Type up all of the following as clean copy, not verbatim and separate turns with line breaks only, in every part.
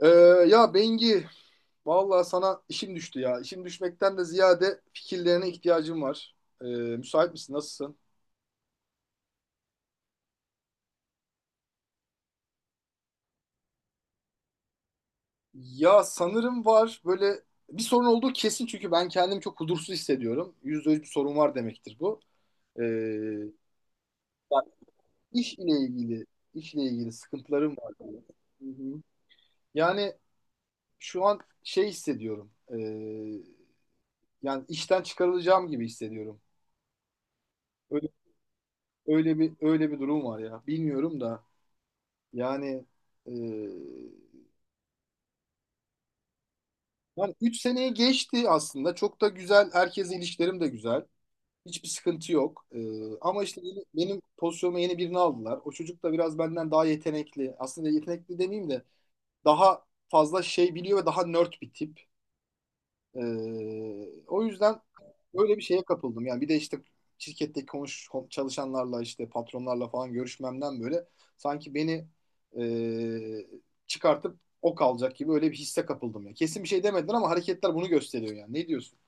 Ee, ya Bengi, vallahi sana işim düştü ya. İşim düşmekten de ziyade fikirlerine ihtiyacım var. Müsait misin? Nasılsın? Ya sanırım var. Böyle bir sorun olduğu kesin çünkü ben kendimi çok huzursuz hissediyorum. Yüzde yüz bir sorun var demektir bu. Ee, yani iş ile ilgili, işle ilgili sıkıntılarım var. Hı hı. Yani şu an şey hissediyorum. Yani işten çıkarılacağım gibi hissediyorum. Öyle, öyle bir durum var ya. Bilmiyorum da. Yani e, yani 3 seneyi geçti aslında. Çok da güzel. Herkesle ilişkilerim de güzel. Hiçbir sıkıntı yok. Ama işte benim pozisyonuma yeni birini aldılar. O çocuk da biraz benden daha yetenekli. Aslında yetenekli demeyeyim de daha fazla şey biliyor ve daha nerd bir tip. O yüzden öyle bir şeye kapıldım. Yani bir de işte şirketteki çalışanlarla işte patronlarla falan görüşmemden böyle sanki beni e, çıkartıp ok alacak gibi öyle bir hisse kapıldım ya. Kesin bir şey demediler ama hareketler bunu gösteriyor yani. Ne diyorsun?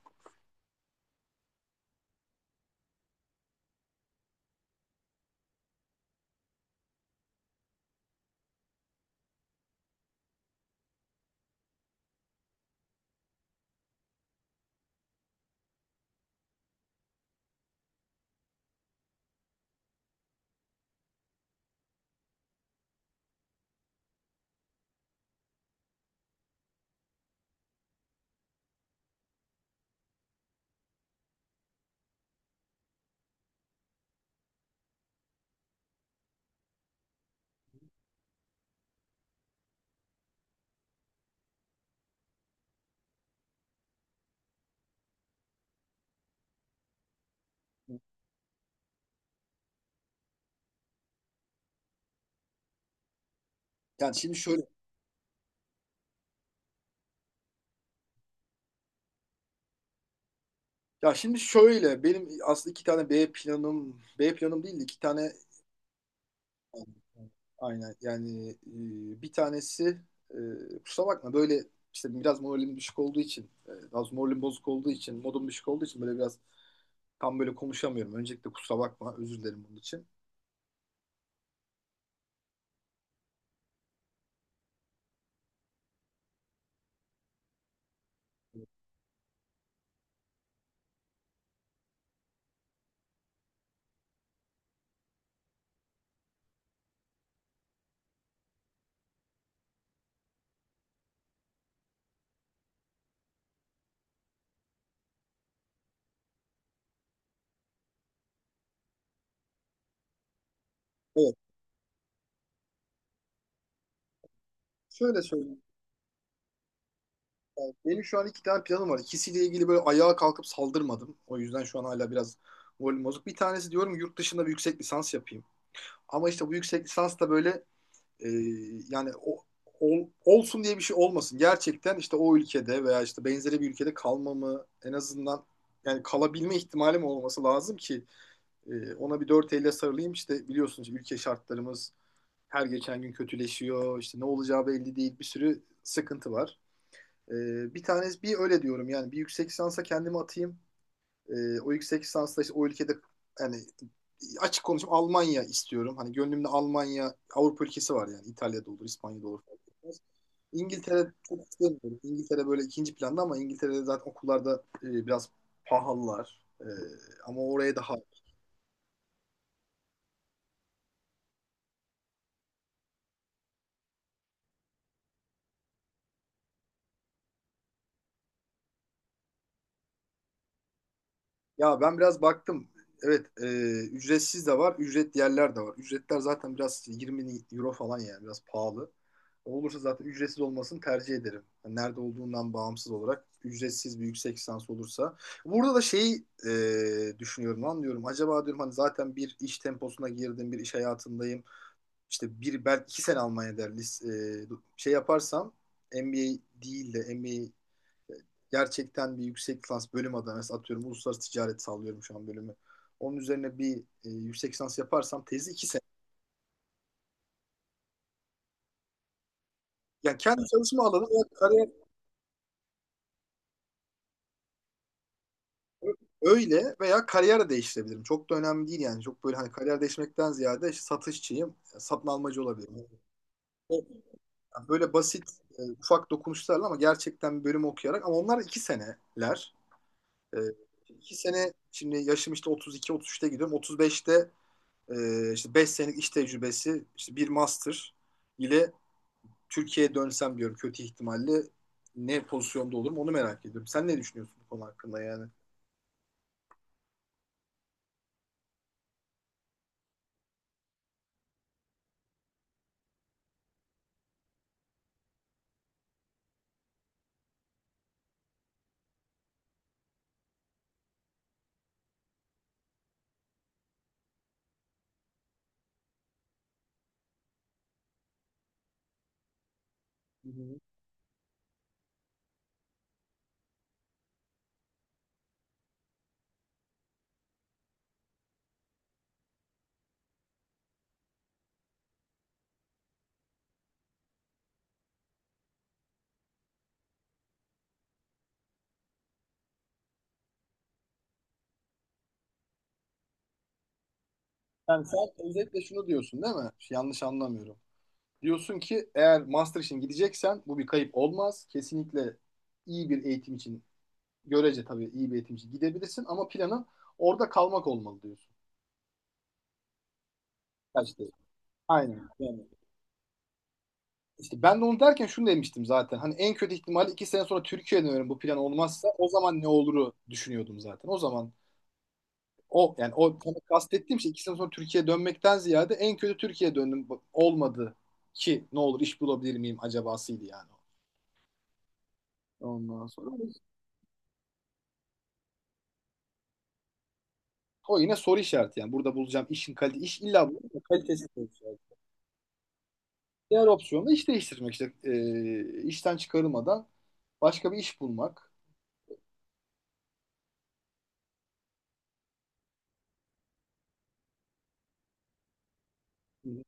Yani şimdi şöyle şimdi şöyle benim aslında iki tane B planım değil de iki tane. Aynen. Aynen. Yani bir tanesi e, kusura bakma böyle işte biraz moralim düşük olduğu için biraz moralim bozuk olduğu için modum düşük olduğu için böyle biraz tam böyle konuşamıyorum. Öncelikle kusura bakma özür dilerim bunun için. Evet, şöyle söyleyeyim. Yani benim şu an iki tane planım var. İkisiyle ilgili böyle ayağa kalkıp saldırmadım. O yüzden şu an hala biraz moralim bozuk. Bir tanesi diyorum yurt dışında bir yüksek lisans yapayım. Ama işte bu yüksek lisans da böyle. E, yani olsun diye bir şey olmasın. Gerçekten işte o ülkede veya işte benzeri bir ülkede kalmamı en azından yani kalabilme ihtimalim olması lazım ki ona bir dört elle sarılayım. İşte biliyorsunuz ülke şartlarımız her geçen gün kötüleşiyor. İşte ne olacağı belli değil. Bir sürü sıkıntı var. E, bir tanesi bir öyle diyorum yani bir yüksek lisansa kendimi atayım. O yüksek lisansla işte o ülkede yani açık konuşayım Almanya istiyorum. Hani gönlümde Almanya, Avrupa ülkesi var yani. İtalya'da olur, İspanya'da olur. Fark etmez. İngiltere çok istemiyorum. İngiltere böyle ikinci planda ama İngiltere'de zaten okullarda biraz pahalılar. Ama oraya daha. Ya ben biraz baktım. Evet, ücretsiz de var, ücretli yerler de var. Ücretler zaten biraz 20 euro falan yani biraz pahalı. Olursa zaten ücretsiz olmasını tercih ederim. Yani nerede olduğundan bağımsız olarak ücretsiz bir yüksek lisans olursa. Burada da şeyi düşünüyorum, anlıyorum. Acaba diyorum hani zaten bir iş temposuna girdim, bir iş hayatındayım. İşte bir belki iki sene Almanya'da e, şey yaparsam MBA değil de MBA gerçekten bir yüksek lisans bölüm adına mesela atıyorum uluslararası ticaret sallıyorum şu an bölümü. Onun üzerine bir yüksek lisans yaparsam tezi iki sene. Yani kendi çalışma alanı veya kariyer öyle veya kariyer de değiştirebilirim. Çok da önemli değil yani. Çok böyle hani kariyer değişmekten ziyade işte satışçıyım, satın almacı olabilirim. Yani böyle basit ufak dokunuşlarla ama gerçekten bir bölüm okuyarak ama onlar iki seneler. E, iki sene şimdi yaşım işte 32-33'te gidiyorum. 35'te, işte 5 senelik iş tecrübesi, işte bir master ile Türkiye'ye dönsem diyorum kötü ihtimalle ne pozisyonda olurum onu merak ediyorum. Sen ne düşünüyorsun bu konu hakkında yani? Hı hı. Yani sen özetle şunu diyorsun değil mi? Yanlış anlamıyorum. Diyorsun ki eğer master için gideceksen bu bir kayıp olmaz. Kesinlikle iyi bir eğitim için görece tabii iyi bir eğitim için gidebilirsin ama planın orada kalmak olmalı diyorsun. Kaçtı. Aynen. Yani İşte ben de onu derken şunu demiştim zaten. Hani en kötü ihtimalle iki sene sonra Türkiye'ye dönerim bu plan olmazsa o zaman ne oluru düşünüyordum zaten. O zaman o yani o tam kastettiğim şey iki sene sonra Türkiye'ye dönmekten ziyade en kötü Türkiye'ye döndüm olmadı ki ne olur iş bulabilir miyim acabasıydı yani. Ondan sonra o yine soru işareti yani burada bulacağım işin kalite iş illa bulacağım da kalitesi soru işareti. Diğer opsiyon da iş değiştirmek işte. İşten çıkarılmadan başka bir iş bulmak. Hı hı.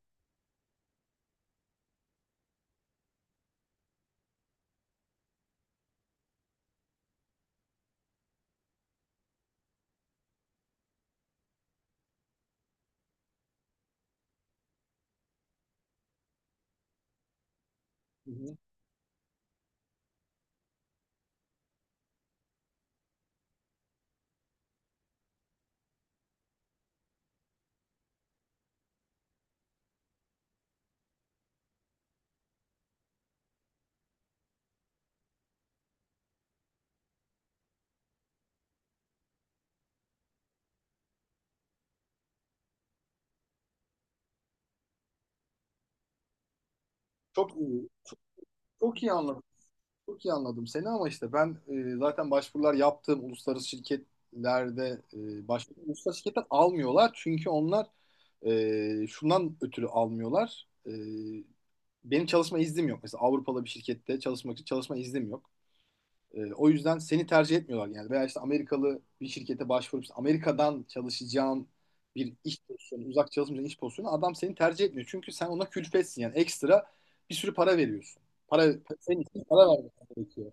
Hı hı. Çok iyi. Çok iyi anladım. Çok iyi anladım seni ama işte ben zaten başvurular yaptığım uluslararası şirketlerde uluslararası şirketler almıyorlar. Çünkü onlar şundan ötürü almıyorlar. Benim çalışma iznim yok. Mesela Avrupalı bir şirkette çalışmak için çalışma iznim yok. O yüzden seni tercih etmiyorlar yani. Veya işte Amerikalı bir şirkete başvurup işte Amerika'dan çalışacağım bir iş pozisyonu, uzak çalışmayacağın iş pozisyonu adam seni tercih etmiyor. Çünkü sen ona külfetsin yani ekstra bir sürü para veriyorsun. Para, senin için para vermek gerekiyor.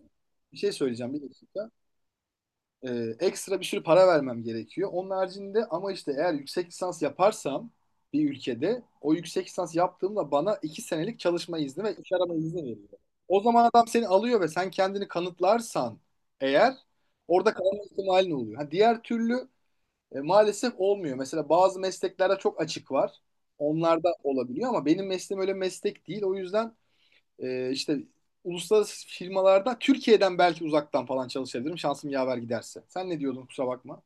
Bir şey söyleyeceğim bir dakika. Ekstra bir sürü para vermem gerekiyor. Onun haricinde ama işte eğer yüksek lisans yaparsam bir ülkede o yüksek lisans yaptığımda bana iki senelik çalışma izni ve iş arama izni veriyor. O zaman adam seni alıyor ve sen kendini kanıtlarsan eğer orada kalma ihtimalin oluyor. Ha, diğer türlü maalesef olmuyor. Mesela bazı mesleklerde çok açık var. Onlarda olabiliyor ama benim mesleğim öyle meslek değil. O yüzden işte uluslararası firmalarda Türkiye'den belki uzaktan falan çalışabilirim. Şansım yaver giderse. Sen ne diyordun kusura bakma.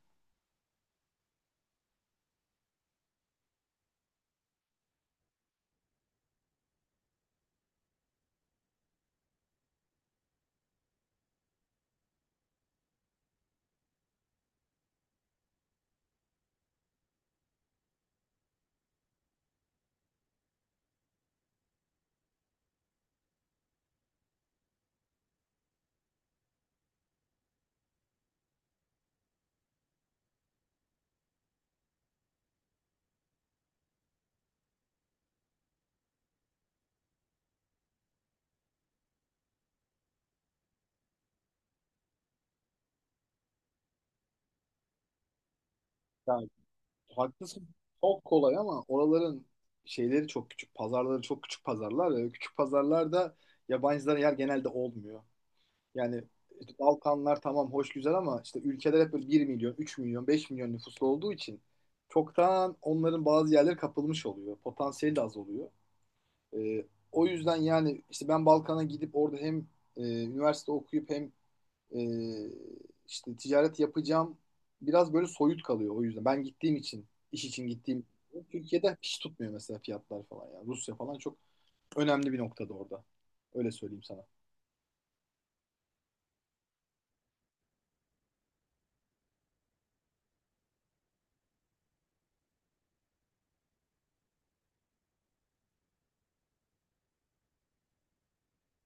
Yani haklısın. Çok kolay ama oraların şeyleri çok küçük. Pazarları çok küçük pazarlar ve küçük pazarlarda yabancılara yer genelde olmuyor. Yani işte Balkanlar tamam hoş güzel ama işte ülkeler hep böyle 1 milyon, 3 milyon, 5 milyon nüfuslu olduğu için çoktan onların bazı yerleri kapılmış oluyor. Potansiyeli de az oluyor. E, o yüzden yani işte ben Balkan'a gidip orada hem üniversite okuyup hem e, işte ticaret yapacağım biraz böyle soyut kalıyor o yüzden. Ben gittiğim için, iş için gittiğim Türkiye'de hiç tutmuyor mesela fiyatlar falan yani. Rusya falan çok önemli bir noktada orada. Öyle söyleyeyim sana.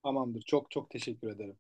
Tamamdır. Çok çok teşekkür ederim.